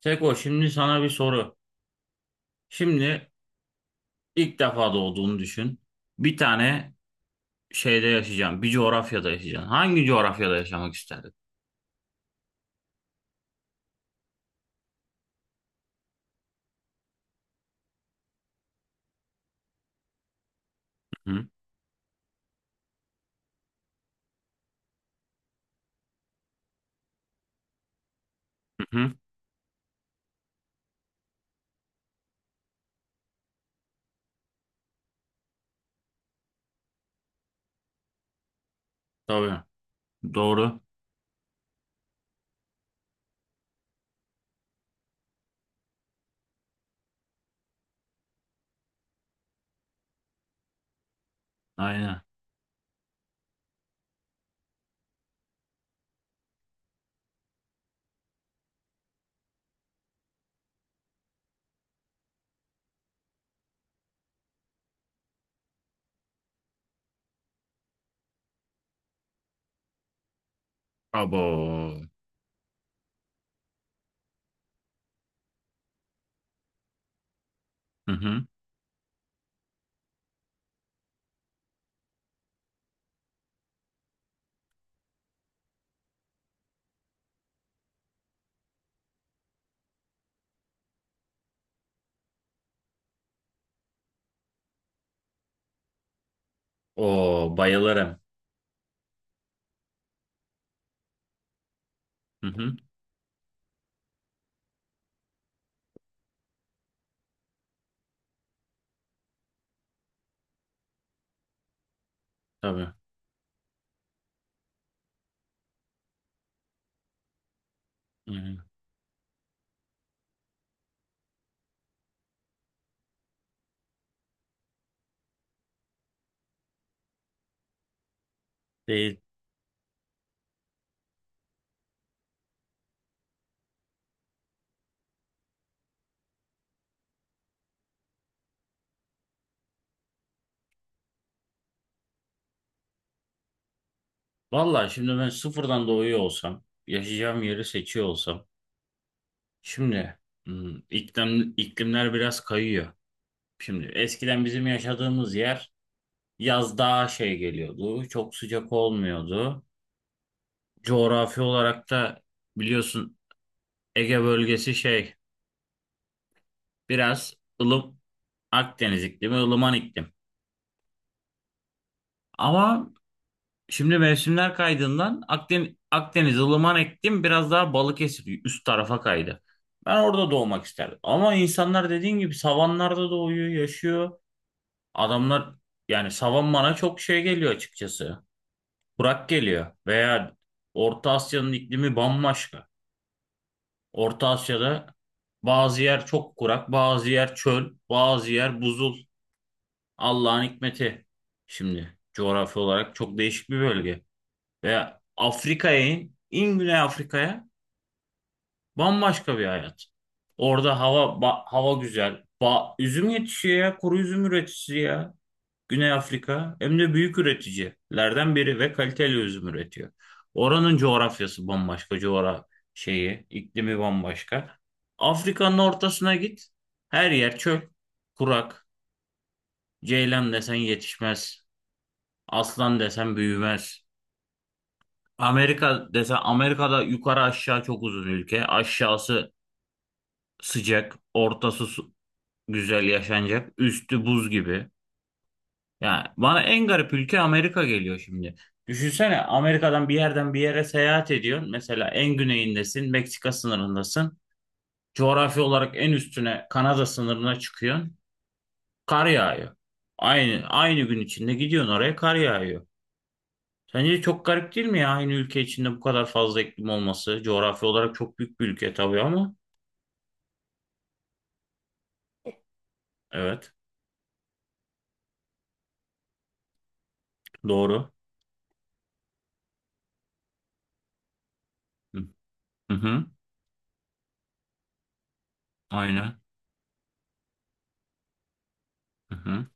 Seko, şimdi sana bir soru. Şimdi ilk defa doğduğunu düşün. Bir tane şeyde yaşayacaksın. Bir coğrafyada yaşayacaksın. Hangi coğrafyada yaşamak isterdin? Hı hı. Hı. Tabii. Doğru. Aynen. Abo. Hı hı. Oo, bayılırım. Hı hı. Tabii. Yani. Değil. Valla şimdi ben sıfırdan doğuyor olsam, yaşayacağım yeri seçiyor olsam. Şimdi iklimler biraz kayıyor. Şimdi eskiden bizim yaşadığımız yer, yaz daha şey geliyordu. Çok sıcak olmuyordu. Coğrafi olarak da biliyorsun Ege bölgesi şey biraz ılım Akdeniz iklimi, ılıman iklim. Ama şimdi mevsimler kaydığından Akdeniz ılıman iklim biraz daha Balıkesir üst tarafa kaydı. Ben orada doğmak isterdim. Ama insanlar dediğin gibi savanlarda doğuyor, yaşıyor. Adamlar, yani savan bana çok şey geliyor açıkçası. Kurak geliyor veya Orta Asya'nın iklimi bambaşka. Orta Asya'da bazı yer çok kurak, bazı yer çöl, bazı yer buzul. Allah'ın hikmeti. Şimdi coğrafi olarak çok değişik bir bölge. Ve Afrika'ya in, in Güney Afrika'ya bambaşka bir hayat. Orada hava hava güzel. Üzüm yetişiyor ya, kuru üzüm üreticisi ya. Güney Afrika hem de büyük üreticilerden biri ve kaliteli üzüm üretiyor. Oranın coğrafyası bambaşka, şeyi, iklimi bambaşka. Afrika'nın ortasına git. Her yer çöl, kurak. Ceylan desen yetişmez. Aslan desen büyümez. Amerika desen, Amerika'da yukarı aşağı çok uzun ülke. Aşağısı sıcak, ortası güzel yaşanacak. Üstü buz gibi. Yani bana en garip ülke Amerika geliyor şimdi. Düşünsene, Amerika'dan bir yerden bir yere seyahat ediyorsun. Mesela en güneyindesin, Meksika sınırındasın. Coğrafi olarak en üstüne Kanada sınırına çıkıyorsun. Kar yağıyor. Aynı gün içinde gidiyorsun oraya, kar yağıyor. Sence çok garip değil mi ya, aynı ülke içinde bu kadar fazla iklim olması? Coğrafi olarak çok büyük bir ülke tabii ama. Evet, doğru. Hı hı, hı, aynen. Hı hı,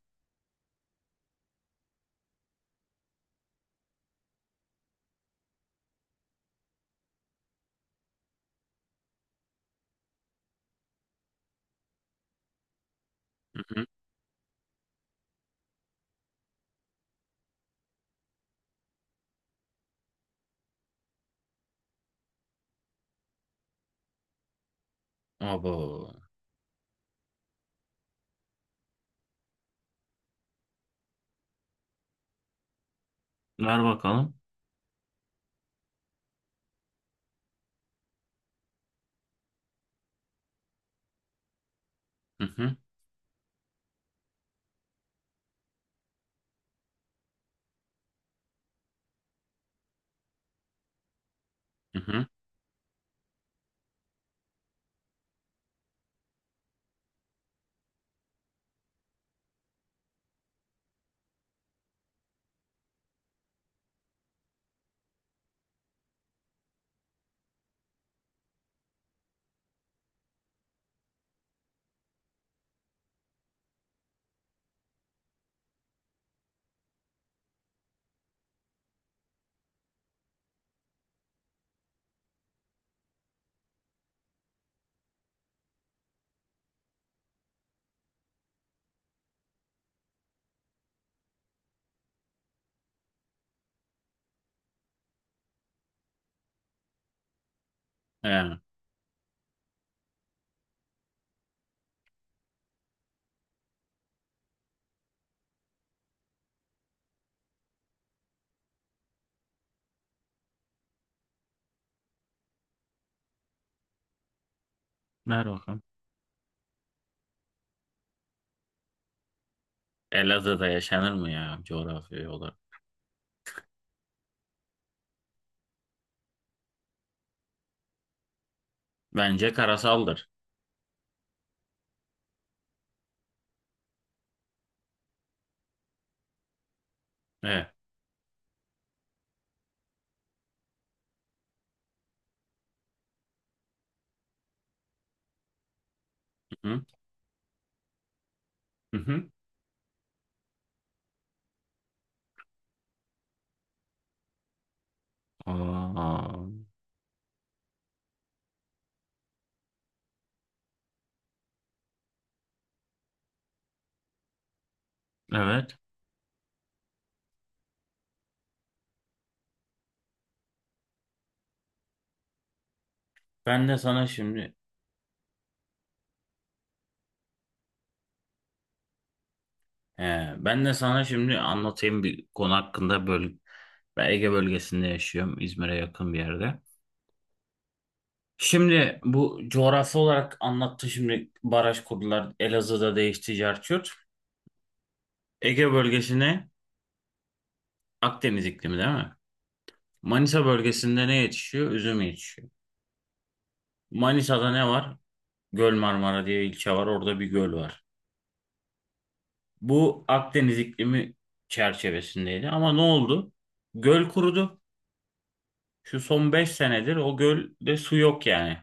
hı hı. Abo. Ver bakalım. Hı hı, hı hı. Ee, Ver bakalım. Elazığ'da yaşanır mı ya, coğrafi olarak? Bence karasaldır. Evet. Hı hı. Hı hı. Aa, evet. Ben de sana şimdi he, ben de sana şimdi anlatayım bir konu hakkında ben Ege bölgesinde yaşıyorum. İzmir'e yakın bir yerde. Şimdi bu coğrafi olarak anlattı, şimdi baraj kurdular. Elazığ'da değişti Cerçurt. Ege bölgesine Akdeniz iklimi değil mi? Manisa bölgesinde ne yetişiyor? Üzüm yetişiyor. Manisa'da ne var? Göl Marmara diye ilçe var. Orada bir göl var. Bu Akdeniz iklimi çerçevesindeydi. Ama ne oldu? Göl kurudu. Şu son 5 senedir o gölde su yok yani.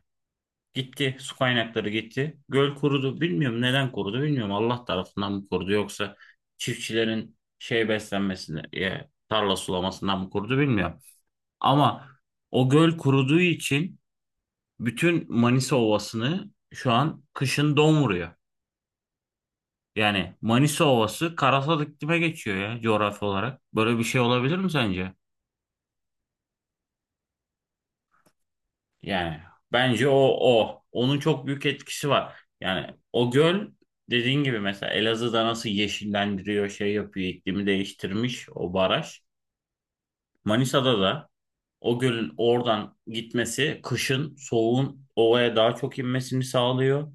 Gitti. Su kaynakları gitti. Göl kurudu. Bilmiyorum neden kurudu. Bilmiyorum Allah tarafından mı kurudu, yoksa çiftçilerin şey beslenmesine, tarla sulamasından mı kurudu, bilmiyorum. Ama o göl kuruduğu için bütün Manisa Ovası'nı şu an kışın don vuruyor. Yani Manisa Ovası karasal iklime geçiyor ya, coğrafi olarak. Böyle bir şey olabilir mi sence? Yani bence o. Onun çok büyük etkisi var. Yani o göl, dediğin gibi, mesela Elazığ'da nasıl yeşillendiriyor, şey yapıyor, iklimi değiştirmiş o baraj. Manisa'da da o gölün oradan gitmesi kışın soğuğun ovaya daha çok inmesini sağlıyor.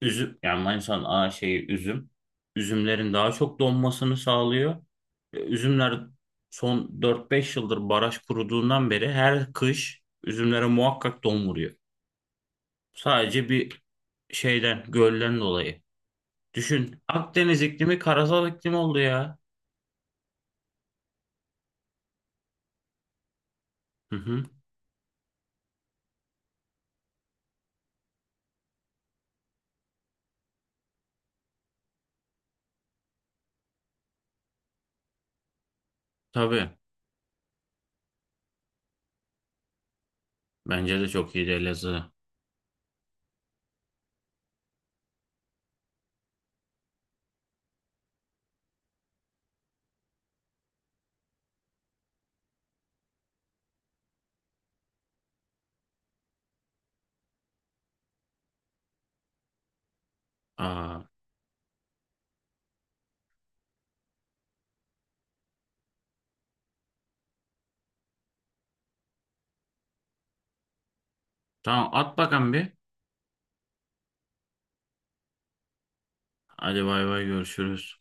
Üzüm, yani Manisa'nın ana şeyi üzüm. Üzümlerin daha çok donmasını sağlıyor. Üzümler son 4-5 yıldır baraj kuruduğundan beri her kış üzümlere muhakkak don vuruyor. Sadece bir şeyden, gölden dolayı. Düşün, Akdeniz iklimi karasal iklim oldu ya. Hı hı. Tabii. Bence de çok iyiydi Elazığ. Aa, tamam, at bakalım bir. Hadi bay bay, görüşürüz.